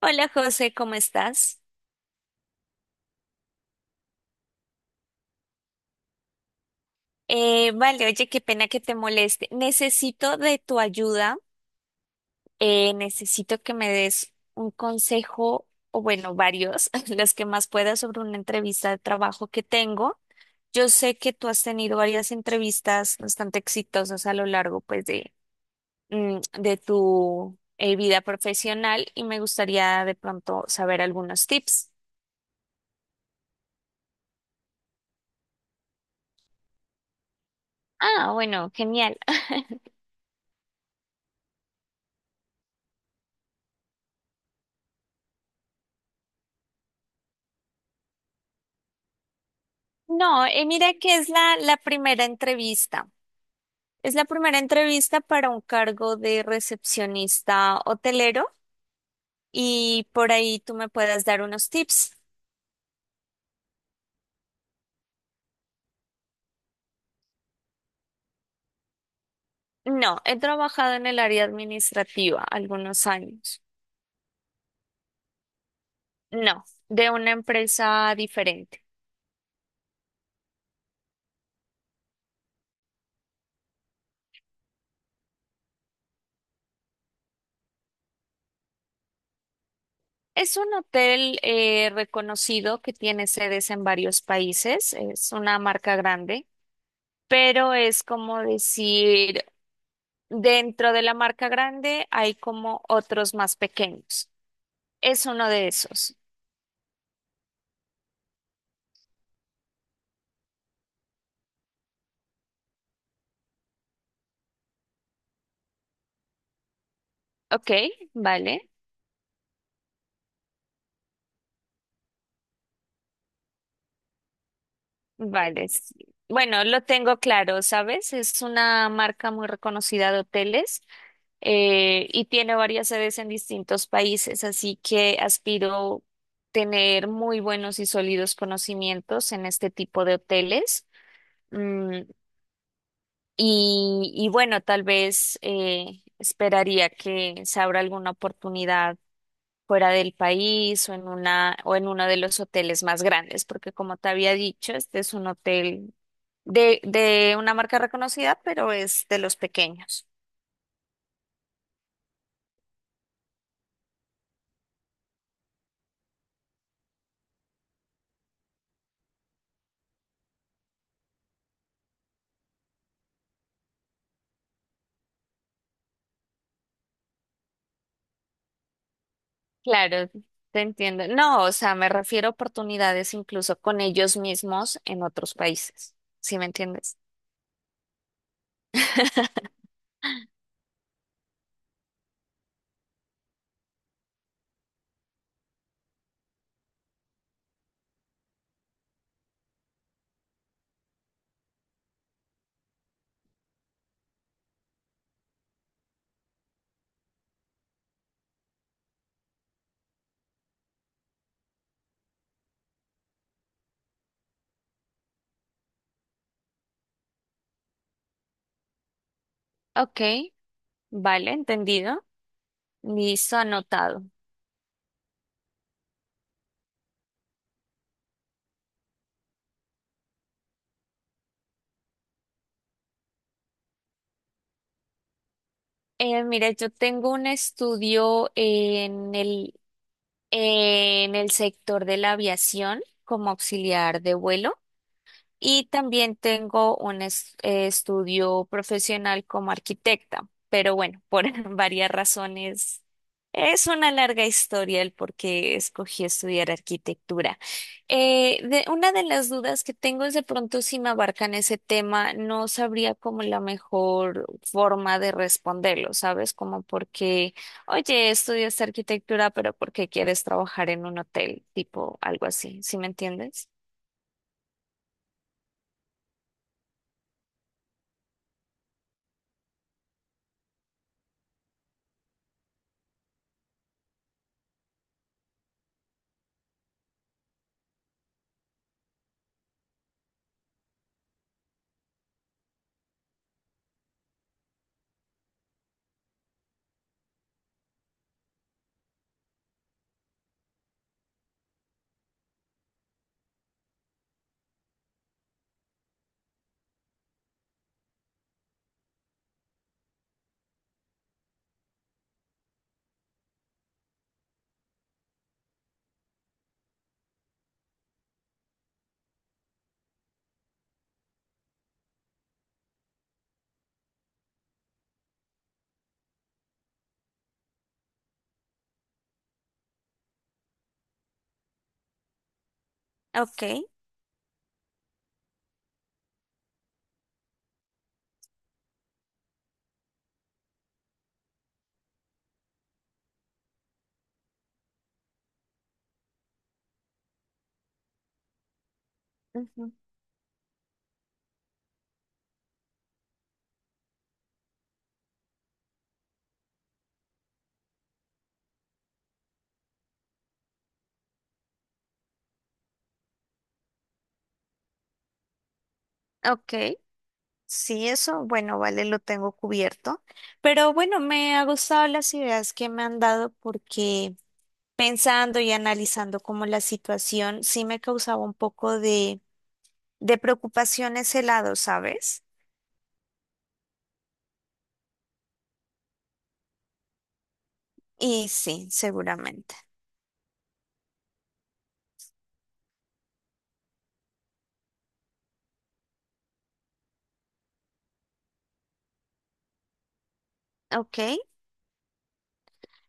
Hola José, ¿cómo estás? Vale, oye, qué pena que te moleste. Necesito de tu ayuda, necesito que me des un consejo, o bueno, varios, los que más puedas sobre una entrevista de trabajo que tengo. Yo sé que tú has tenido varias entrevistas bastante exitosas a lo largo, pues, de tu vida profesional y me gustaría de pronto saber algunos tips. Ah, bueno, genial. No, mira que es la primera entrevista. Es la primera entrevista para un cargo de recepcionista hotelero y por ahí tú me puedas dar unos tips. No, he trabajado en el área administrativa algunos años. No, de una empresa diferente. Es un hotel reconocido que tiene sedes en varios países. Es una marca grande, pero es como decir dentro de la marca grande hay como otros más pequeños. Es uno de esos. Ok, vale, vale, sí. Bueno, lo tengo claro, ¿sabes? Es una marca muy reconocida de hoteles y tiene varias sedes en distintos países, así que aspiro tener muy buenos y sólidos conocimientos en este tipo de hoteles. Mm, y bueno, tal vez esperaría que se abra alguna oportunidad fuera del país o en una o en uno de los hoteles más grandes, porque como te había dicho, este es un hotel de una marca reconocida, pero es de los pequeños. Claro, te entiendo. No, o sea, me refiero a oportunidades incluso con ellos mismos en otros países. ¿Sí me entiendes? Ok, vale, entendido. Listo, anotado. Mira, yo tengo un estudio en en el sector de la aviación como auxiliar de vuelo. Y también tengo un estudio profesional como arquitecta, pero bueno, por varias razones es una larga historia el por qué escogí estudiar arquitectura. Una de las dudas que tengo es de pronto si me abarcan ese tema, no sabría como la mejor forma de responderlo, ¿sabes? Como porque, oye, estudias arquitectura, pero ¿por qué quieres trabajar en un hotel? Tipo algo así, ¿sí me entiendes? Ok. Ok, sí, eso, bueno, vale, lo tengo cubierto. Pero bueno, me ha gustado las ideas que me han dado porque pensando y analizando como la situación, sí me causaba un poco de preocupación ese lado, ¿sabes? Y sí, seguramente. Ok,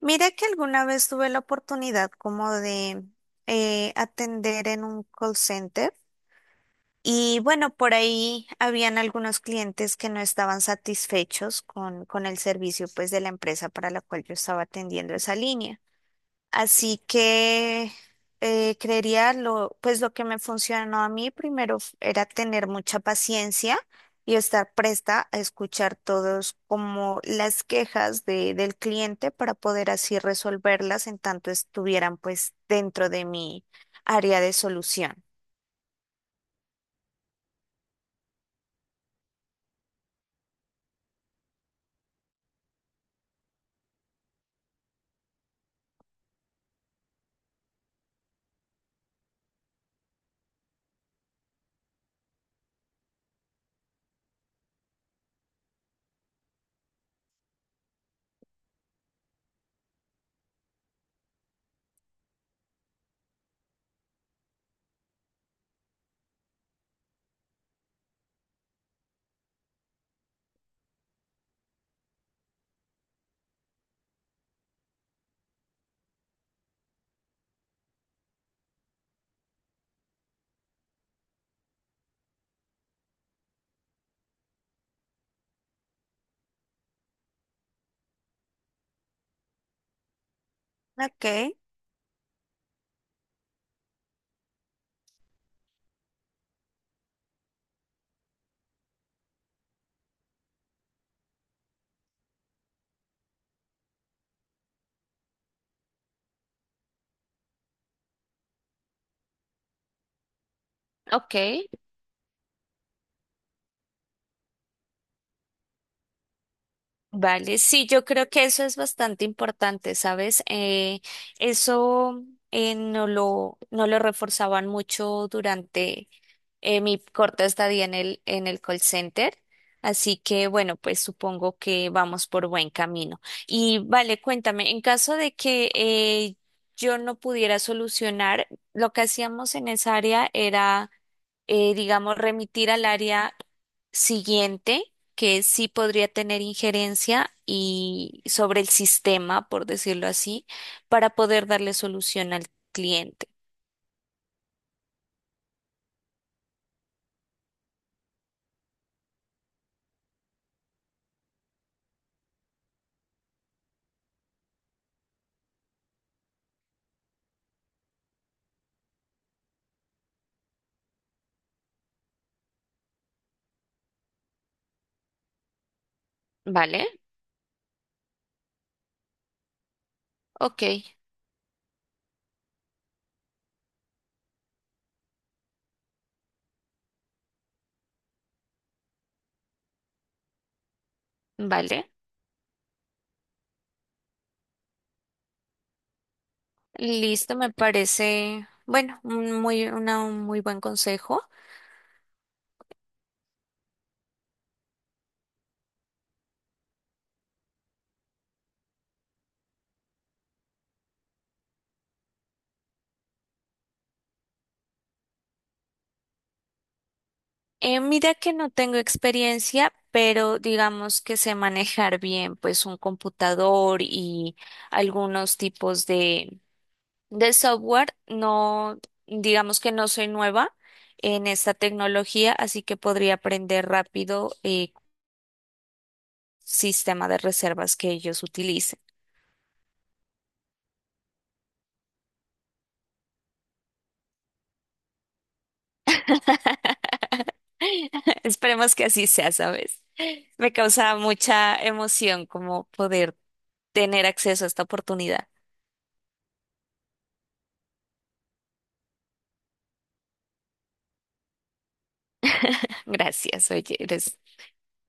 mira que alguna vez tuve la oportunidad como de atender en un call center. Y bueno, por ahí habían algunos clientes que no estaban satisfechos con el servicio pues de la empresa para la cual yo estaba atendiendo esa línea. Así que creería lo, pues lo que me funcionó a mí primero era tener mucha paciencia y estar presta a escuchar todos como las quejas del cliente para poder así resolverlas en tanto estuvieran pues dentro de mi área de solución. Ok, ok. Vale, sí, yo creo que eso es bastante importante, ¿sabes? Eso no lo reforzaban mucho durante mi corta estadía en en el call center. Así que bueno, pues supongo que vamos por buen camino. Y vale, cuéntame, en caso de que yo no pudiera solucionar, lo que hacíamos en esa área era, digamos, remitir al área siguiente, que sí podría tener injerencia y sobre el sistema, por decirlo así, para poder darle solución al cliente. ¿Vale? Ok, vale. Listo, me parece, bueno, un muy buen consejo. Mira que no tengo experiencia, pero digamos que sé manejar bien, pues un computador y algunos tipos de software. No, digamos que no soy nueva en esta tecnología, así que podría aprender rápido el sistema de reservas que ellos utilicen. Esperemos que así sea, ¿sabes? Me causa mucha emoción como poder tener acceso a esta oportunidad. Gracias, oye, eres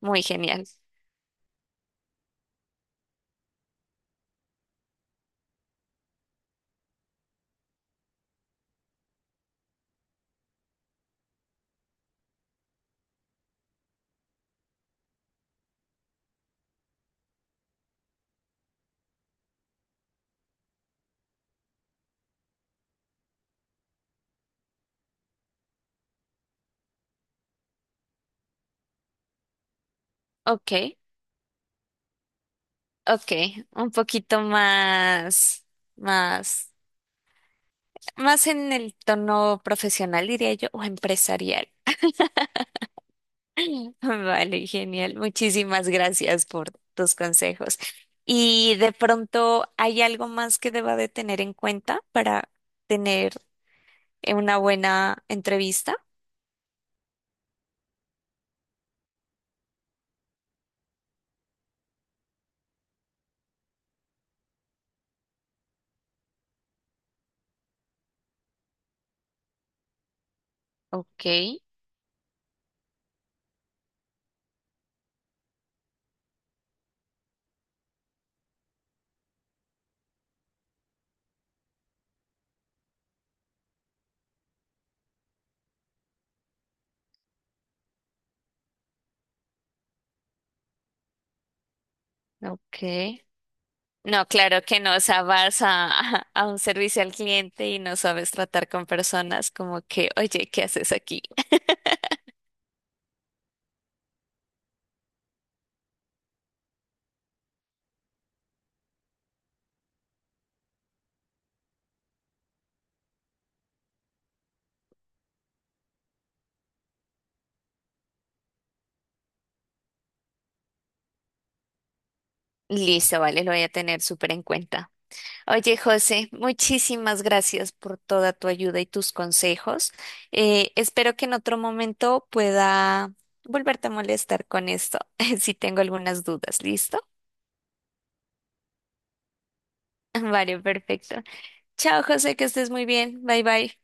muy genial. Ok, ok, un poquito más, más, más en el tono profesional, diría yo, o empresarial. Vale, genial. Muchísimas gracias por tus consejos. ¿Y de pronto hay algo más que deba de tener en cuenta para tener una buena entrevista? Ok, ok. No, claro que no, o sea, vas a, a un servicio al cliente y no sabes tratar con personas como que, oye, ¿qué haces aquí? Listo, vale, lo voy a tener súper en cuenta. Oye, José, muchísimas gracias por toda tu ayuda y tus consejos. Espero que en otro momento pueda volverte a molestar con esto, si tengo algunas dudas. ¿Listo? Vale, perfecto. Chao, José, que estés muy bien. Bye, bye.